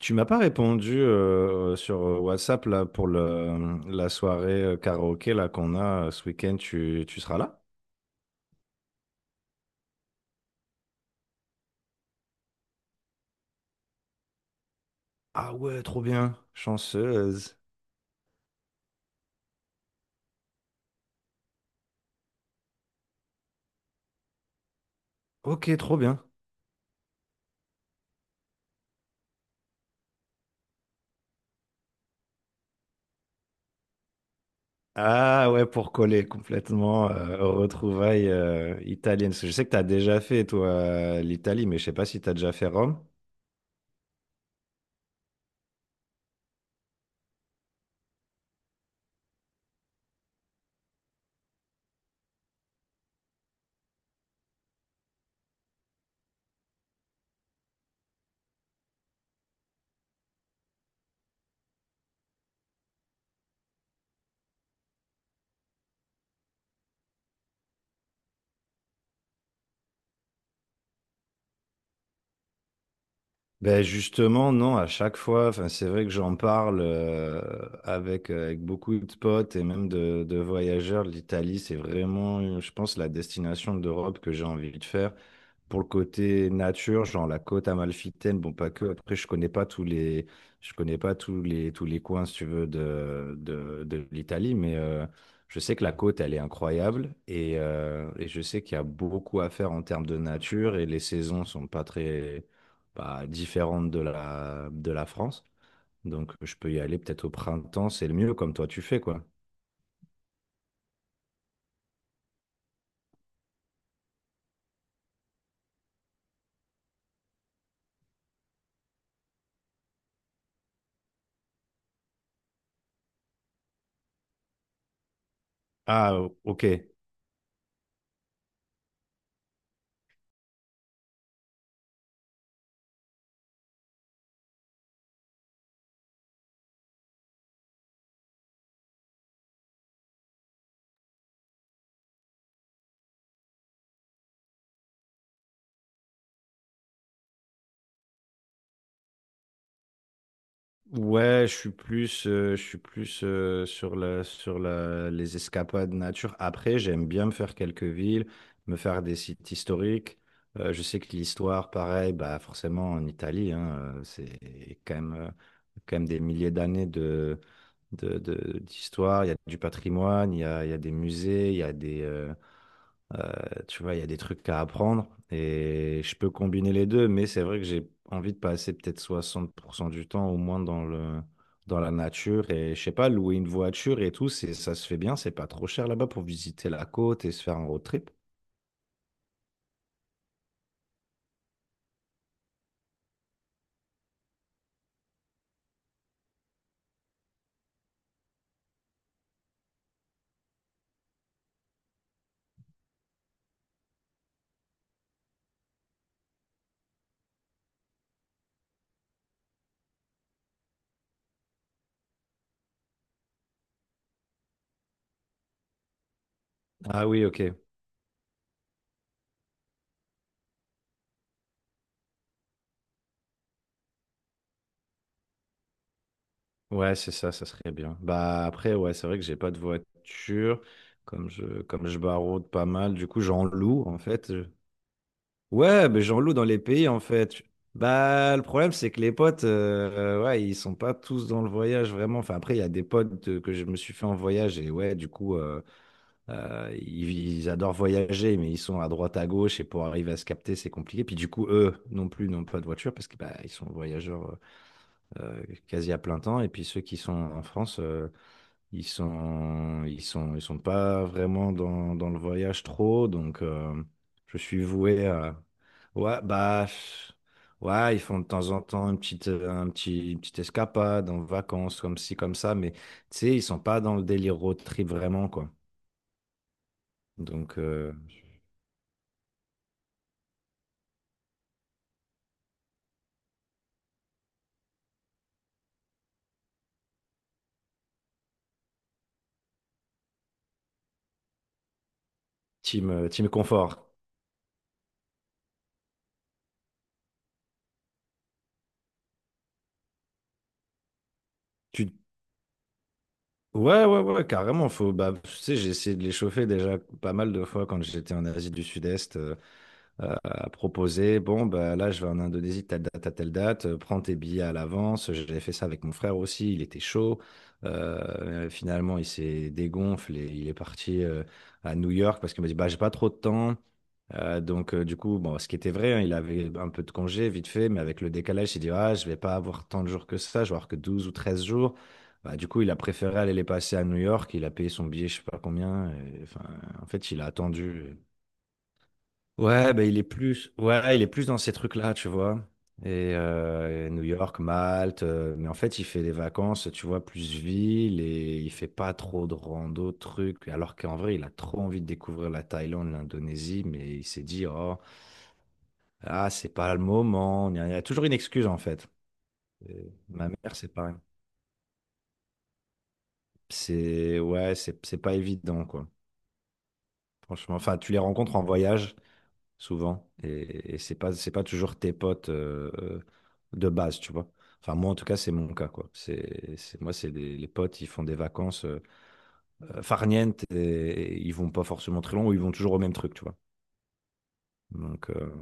Tu m'as pas répondu sur WhatsApp là, pour la soirée karaoké là, qu'on a ce week-end. Tu seras là? Ah ouais, trop bien. Chanceuse. Ok, trop bien. Ah ouais, pour coller complètement aux retrouvailles italiennes. Parce que je sais que tu as déjà fait, toi, l'Italie, mais je sais pas si tu as déjà fait Rome. Ben justement, non, à chaque fois, enfin, c'est vrai que j'en parle avec, avec beaucoup de potes et même de voyageurs. L'Italie, c'est vraiment, je pense, la destination d'Europe que j'ai envie de faire pour le côté nature, genre la côte amalfitaine, bon pas que. Après, je connais pas tous les tous les coins, si tu veux, de l'Italie, mais je sais que la côte, elle est incroyable et je sais qu'il y a beaucoup à faire en termes de nature et les saisons sont pas très bah, différentes de la France. Donc, je peux y aller peut-être au printemps, c'est le mieux, comme toi tu fais quoi. Ah, ok. Ouais, je suis plus sur les escapades nature. Après, j'aime bien me faire quelques villes, me faire des sites historiques. Je sais que l'histoire, pareil, bah forcément en Italie, hein, c'est quand même des milliers d'années d'histoire. Il y a du patrimoine, il y a des musées, il y a des, euh, tu vois, il y a des trucs à apprendre et je peux combiner les deux, mais c'est vrai que j'ai envie de passer peut-être 60% du temps au moins dans le, dans la nature et je sais pas, louer une voiture et tout, c'est, ça se fait bien, c'est pas trop cher là-bas pour visiter la côte et se faire un road trip. Ah oui, ok. Ouais, c'est ça, ça serait bien. Bah après, ouais, c'est vrai que j'ai pas de voiture, comme je baraude pas mal, du coup j'en loue en fait. Ouais, mais j'en loue dans les pays en fait. Bah, le problème, c'est que les potes, ouais, ils sont pas tous dans le voyage vraiment. Enfin, après, il y a des potes que je me suis fait en voyage et ouais, du coup, ils adorent voyager, mais ils sont à droite, à gauche et pour arriver à se capter, c'est compliqué. Puis du coup, eux non plus n'ont pas de voiture parce que bah, ils sont voyageurs quasi à plein temps. Et puis ceux qui sont en France, ils sont pas vraiment dans, dans le voyage trop, donc je suis voué à. Ouais, bah, pff, ouais, ils font de temps en temps une petite escapade en vacances, comme ci, comme ça, mais tu sais, ils sont pas dans le délire road trip vraiment, quoi. Donc, team, team confort. Tu... Ouais, ouais, ouais, carrément. Faut, bah, tu sais, j'ai essayé de les chauffer déjà pas mal de fois quand j'étais en Asie du Sud-Est. À proposer, bon, bah, là, je vais en Indonésie de telle date à telle date, prends tes billets à l'avance. J'avais fait ça avec mon frère aussi, il était chaud. Finalement, il s'est dégonflé, il est parti à New York parce qu'il m'a dit, bah, j'ai pas trop de temps. Du coup, bon, ce qui était vrai, hein, il avait un peu de congé vite fait, mais avec le décalage, il s'est dit, ah, je vais pas avoir tant de jours que ça, je vais avoir que 12 ou 13 jours. Bah, du coup, il a préféré aller les passer à New York, il a payé son billet, je sais pas combien. Et, enfin, en fait, il a attendu. Ouais, ben il est plus, ouais, il est plus dans ces trucs-là, tu vois. Et New York, Malte, mais en fait, il fait des vacances, tu vois, plus ville et il fait pas trop de rando, de trucs. Alors qu'en vrai, il a trop envie de découvrir la Thaïlande, l'Indonésie, mais il s'est dit, oh, ah, c'est pas le moment. Il y a toujours une excuse, en fait. Et ma mère, c'est pareil. C'est, ouais, c'est pas évident, quoi. Franchement, enfin, tu les rencontres en voyage. Souvent. Et c'est pas toujours tes potes de base, tu vois. Enfin, moi, en tout cas, c'est mon cas, quoi. Moi, c'est les potes, ils font des vacances farnientes et ils vont pas forcément très loin ou ils vont toujours au même truc, tu vois. Donc,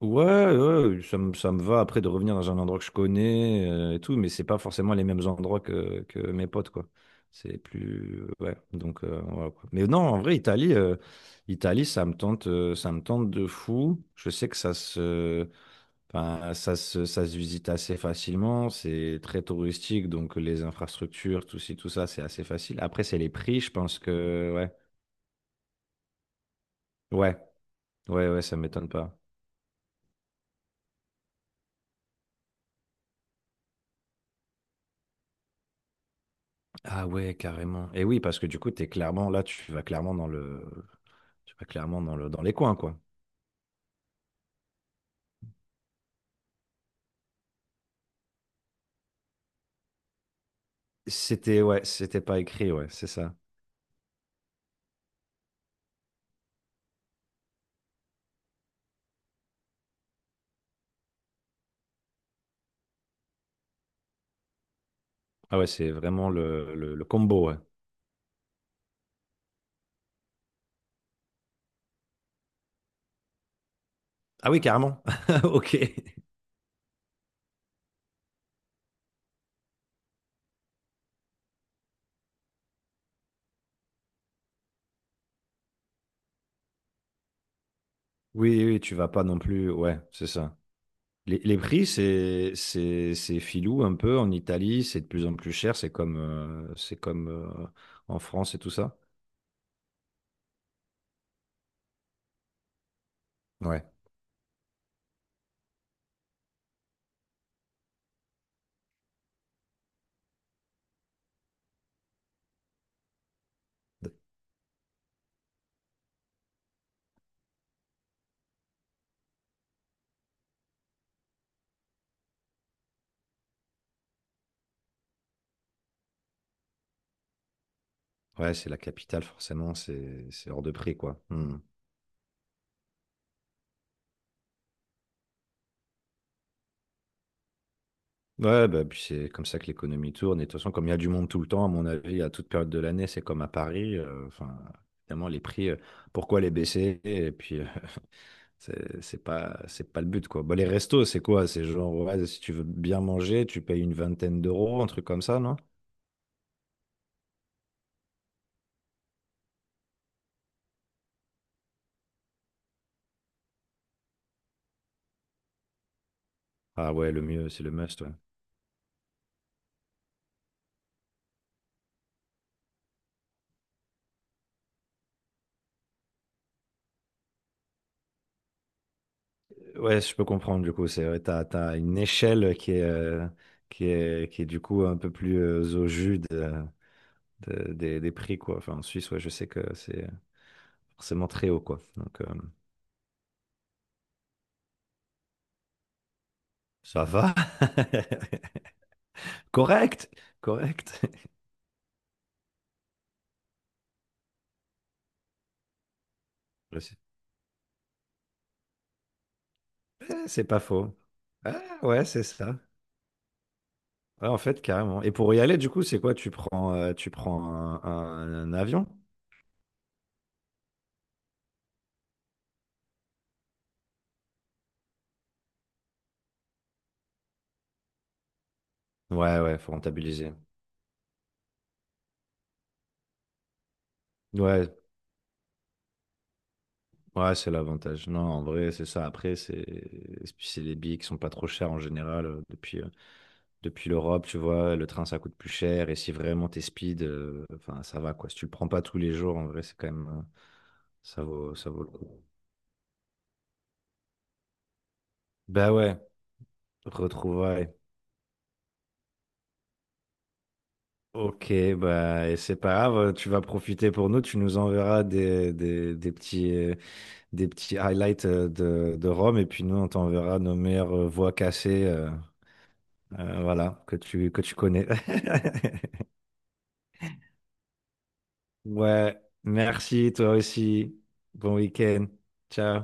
ouais, ça me va après de revenir dans un endroit que je connais et tout, mais c'est pas forcément les mêmes endroits que mes potes, quoi. C'est plus, ouais, donc, voilà, quoi. Mais non, en vrai, Italie, Italie, ça me tente de fou. Je sais que ça se, Enfin, ça se visite assez facilement, c'est très touristique, donc les infrastructures, tout ci, tout ça, c'est assez facile. Après, c'est les prix, je pense que, ouais, ouais, ouais, ouais, ça m'étonne pas. Ah ouais, carrément. Et oui, parce que du coup, t'es clairement, là, tu vas clairement dans le, tu vas clairement dans le, dans les coins, quoi. C'était, ouais, c'était pas écrit, ouais, c'est ça. Ah ouais, c'est vraiment le combo, ouais. Ah oui, carrément. Ok. Oui, oui, tu vas pas non plus, ouais, c'est ça. Les prix, c'est filou un peu en Italie, c'est de plus en plus cher, c'est comme en France et tout ça. Ouais, ouais, c'est la capitale, forcément, c'est hors de prix, quoi. Hmm. Ouais, bah, puis c'est comme ça que l'économie tourne. Et de toute façon, comme il y a du monde tout le temps, à mon avis, à toute période de l'année, c'est comme à Paris. Enfin, évidemment, les prix, pourquoi les baisser? Et puis, c'est pas le but, quoi. Bah, les restos, c'est quoi? C'est genre, ouais, si tu veux bien manger, tu payes une vingtaine d'euros, un truc comme ça, non? Ah ouais, le mieux, c'est le must, ouais. Ouais, je peux comprendre, du coup, c'est vrai, t'as une échelle qui est, qui est du coup un peu plus au jus de- des prix, quoi. Enfin, en Suisse, ouais, je sais que c'est forcément très haut, quoi. Donc, ça va. Correct, correct. Je sais- Eh, c'est pas faux. Ah, ouais, c'est ça. Ouais, en fait, carrément. Et pour y aller, du coup, c'est quoi? Tu prends un avion? Ouais, ouais, faut rentabiliser. Ouais, ouais, c'est l'avantage. Non, en vrai, c'est ça. Après, c'est et puis c'est les billets qui sont pas trop chers en général depuis l'Europe, tu vois. Le train, ça coûte plus cher. Et si vraiment t'es speed, enfin, ça va, quoi. Si tu le prends pas tous les jours, en vrai, c'est quand même, ça vaut le coup. Bah ouais, retrouvailles. Ok, bah, et c'est pas grave. Tu vas profiter pour nous. Tu nous enverras des petits highlights de Rome. Et puis nous, on t'enverra nos meilleures voies cassées, voilà, que tu connais. Ouais, merci toi aussi. Bon week-end. Ciao.